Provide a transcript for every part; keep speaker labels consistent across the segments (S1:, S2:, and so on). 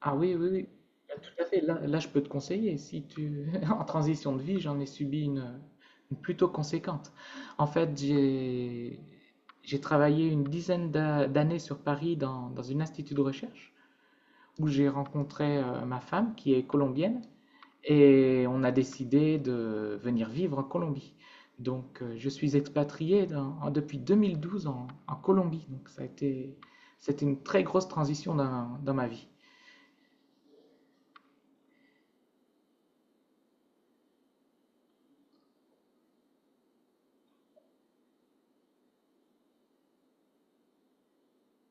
S1: Ah oui, oui, oui. Bah, tout à fait. Là, je peux te conseiller. Si tu en transition de vie, j'en ai subi une plutôt conséquente. En fait, j'ai travaillé une dizaine d'a- d'années sur Paris dans un institut de recherche où j'ai rencontré ma femme qui est colombienne et on a décidé de venir vivre en Colombie. Donc, je suis expatrié depuis 2012 en, en Colombie. Donc, ça a été c'était une très grosse transition dans dans ma vie.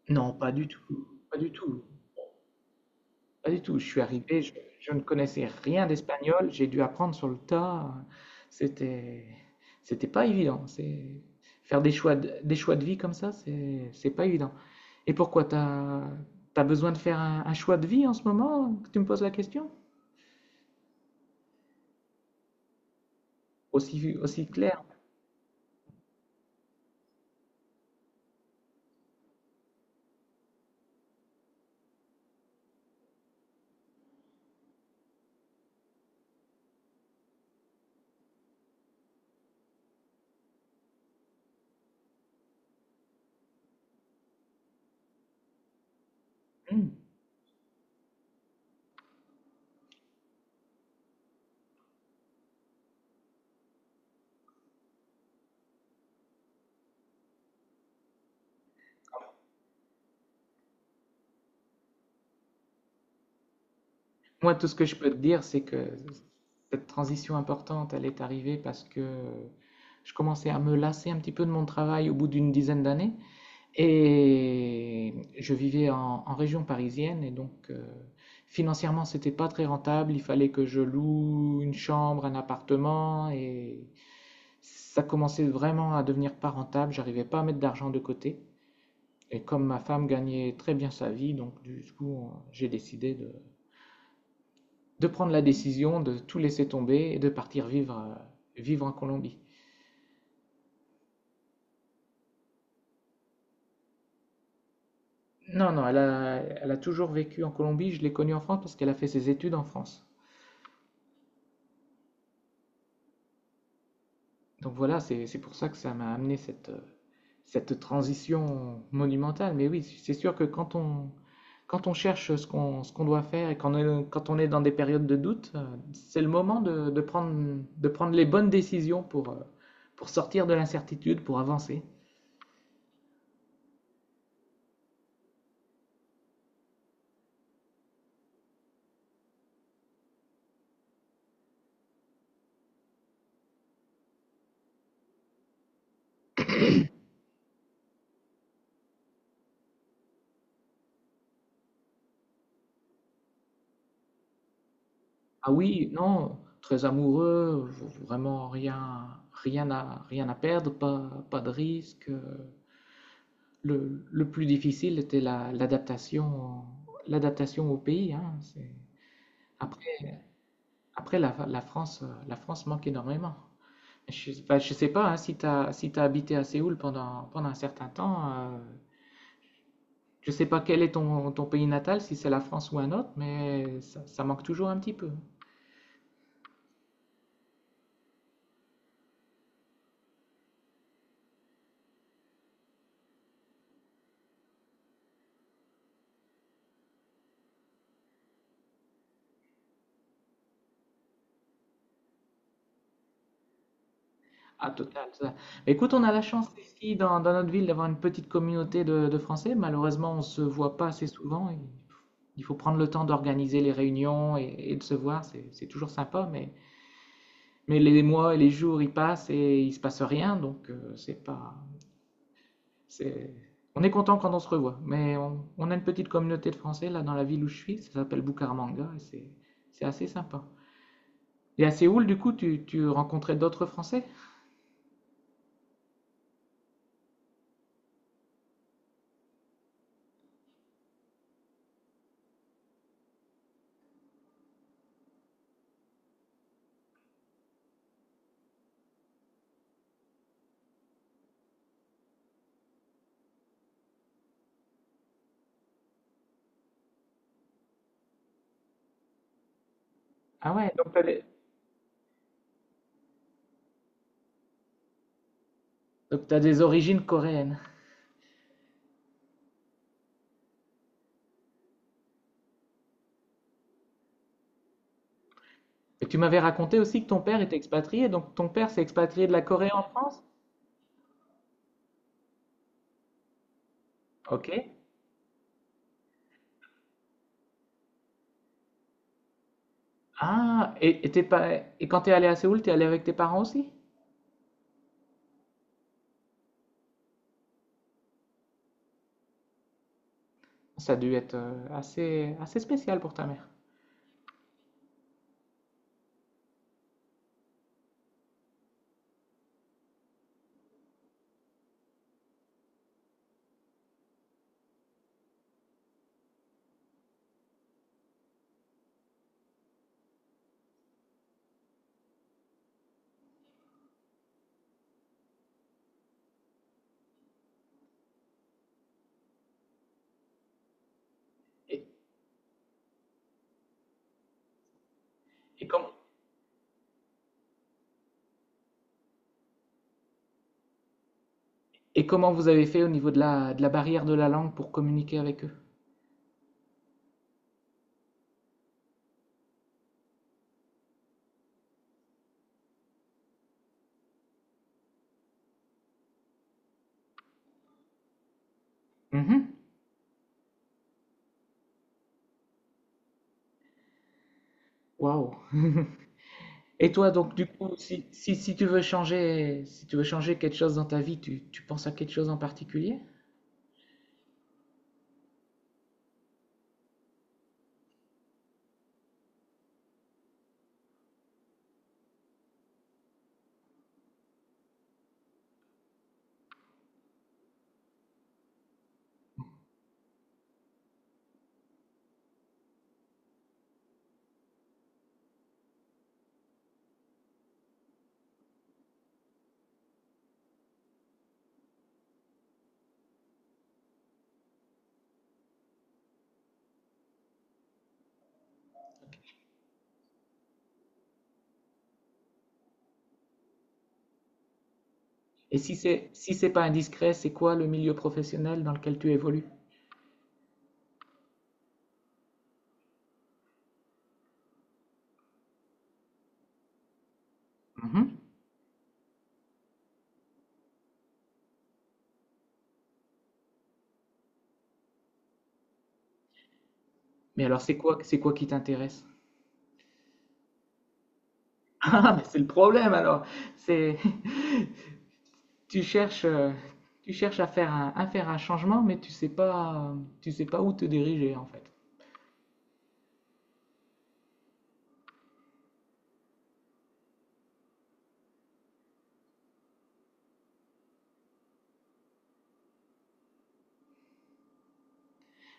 S1: Non, pas du tout, pas du tout, pas du tout. Je suis arrivé, je ne connaissais rien d'espagnol, j'ai dû apprendre sur le tas. C'était, c'était pas évident. C'est faire des choix de vie comme ça, c'est pas évident. Et pourquoi t'as besoin de faire un choix de vie en ce moment que tu me poses la question? Aussi, aussi clair. Hmm. Moi, tout ce que je peux te dire, c'est que cette transition importante, elle est arrivée parce que je commençais à me lasser un petit peu de mon travail au bout d'une dizaine d'années. Et je vivais en, en région parisienne et donc financièrement c'était pas très rentable. Il fallait que je loue une chambre, un appartement et ça commençait vraiment à devenir pas rentable. J'arrivais pas à mettre d'argent de côté. Et comme ma femme gagnait très bien sa vie, donc du coup j'ai décidé de prendre la décision de tout laisser tomber et de partir vivre, vivre en Colombie. Non, non, elle a, elle a toujours vécu en Colombie. Je l'ai connue en France parce qu'elle a fait ses études en France. Donc voilà, c'est pour ça que ça m'a amené cette, cette transition monumentale. Mais oui, c'est sûr que quand on, quand on cherche ce qu'on doit faire et quand on est dans des périodes de doute, c'est le moment de prendre les bonnes décisions pour sortir de l'incertitude, pour avancer. Ah oui, non, très amoureux, vraiment rien, rien à, rien à perdre, pas, pas de risque. Le plus difficile était l'adaptation, l'adaptation au pays, hein. C'est- Après, après la, la France manque énormément. Je sais pas, hein, si tu as, si t'as habité à Séoul pendant, pendant un certain temps, je ne sais pas quel est ton, ton pays natal, si c'est la France ou un autre, mais ça manque toujours un petit peu. Ah, total, ça. Écoute, on a la chance ici dans, dans notre ville d'avoir une petite communauté de Français. Malheureusement, on ne se voit pas assez souvent. Et il faut prendre le temps d'organiser les réunions et de se voir. C'est toujours sympa, mais les mois et les jours, ils passent et il ne se passe rien. Donc, c'est pas. C'est- On est content quand on se revoit. Mais on a une petite communauté de Français là dans la ville où je suis. Ça s'appelle Bucaramanga et c'est assez sympa. Et à Séoul, du coup, tu rencontrais d'autres Français? Ah ouais, donc tu as des donc t'as des origines coréennes. Et tu m'avais raconté aussi que ton père était expatrié, donc ton père s'est expatrié de la Corée en France? Ok. Ah, et t'es pas, et quand t'es allé à Séoul, t'es allé avec tes parents aussi? Ça a dû être assez, assez spécial pour ta mère. Et, et com- et comment vous avez fait au niveau de la barrière de la langue pour communiquer avec eux? Mhm. Waouh. Et toi, donc, du coup, si, si, si tu veux changer, si tu veux changer quelque chose dans ta vie, tu penses à quelque chose en particulier? Et si c'est, si c'est pas indiscret, c'est quoi le milieu professionnel dans lequel tu évolues? Mhm. Mais alors, c'est quoi qui t'intéresse? Ah, mais c'est le problème alors. C'est, tu cherches, euh, tu cherches à faire un changement, mais tu sais pas où te diriger en fait.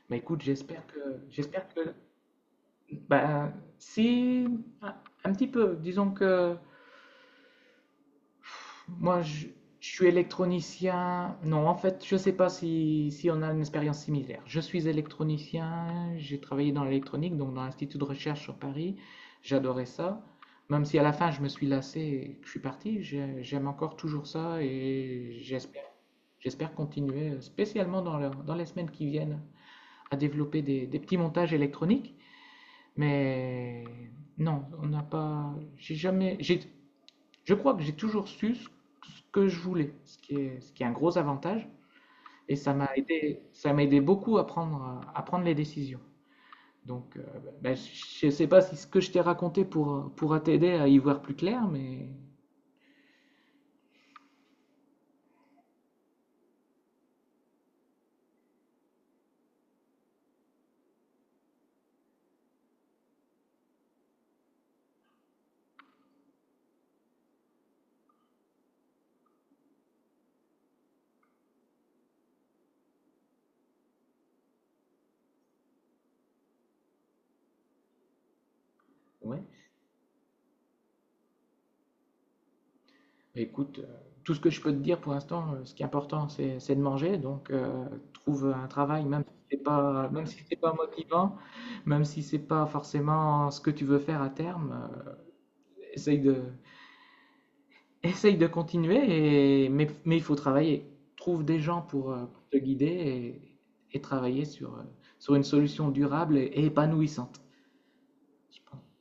S1: Mais écoute, j'espère que, bah, si, un, un petit peu, disons que Moi, je, je suis électronicien. Non, en fait, je ne sais pas si, si on a une expérience similaire. Je suis électronicien, j'ai travaillé dans l'électronique, donc dans l'Institut de recherche sur Paris. J'adorais ça. Même si à la fin, je me suis lassé et que je suis parti, j'aime encore toujours ça et j'espère, j'espère continuer, spécialement dans, dans les semaines qui viennent, à développer des petits montages électroniques. Mais non, on n'a pas. J'ai jamais. Je crois que j'ai toujours su ce que je voulais, ce qui est un gros avantage. Et ça m'a aidé beaucoup à prendre les décisions. Donc, ben, je ne sais pas si ce que je t'ai raconté pourra, pourra t'aider à y voir plus clair, mais ouais. Mais écoute, tout ce que je peux te dire pour l'instant, ce qui est important, c'est de manger. Donc, trouve un travail, même si c'est pas, même si c'est pas motivant, même si c'est pas forcément ce que tu veux faire à terme. Essaye de, essaye de continuer, et... mais il faut travailler. Trouve des gens pour te guider et travailler sur, sur une solution durable et épanouissante. Je pense.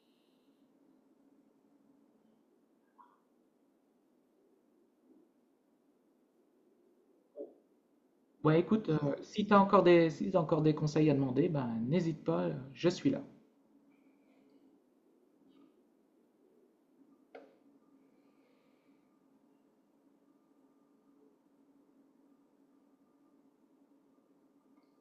S1: Ouais, écoute, si tu as encore des, si t'as encore des conseils à demander, ben, n'hésite pas, je suis là.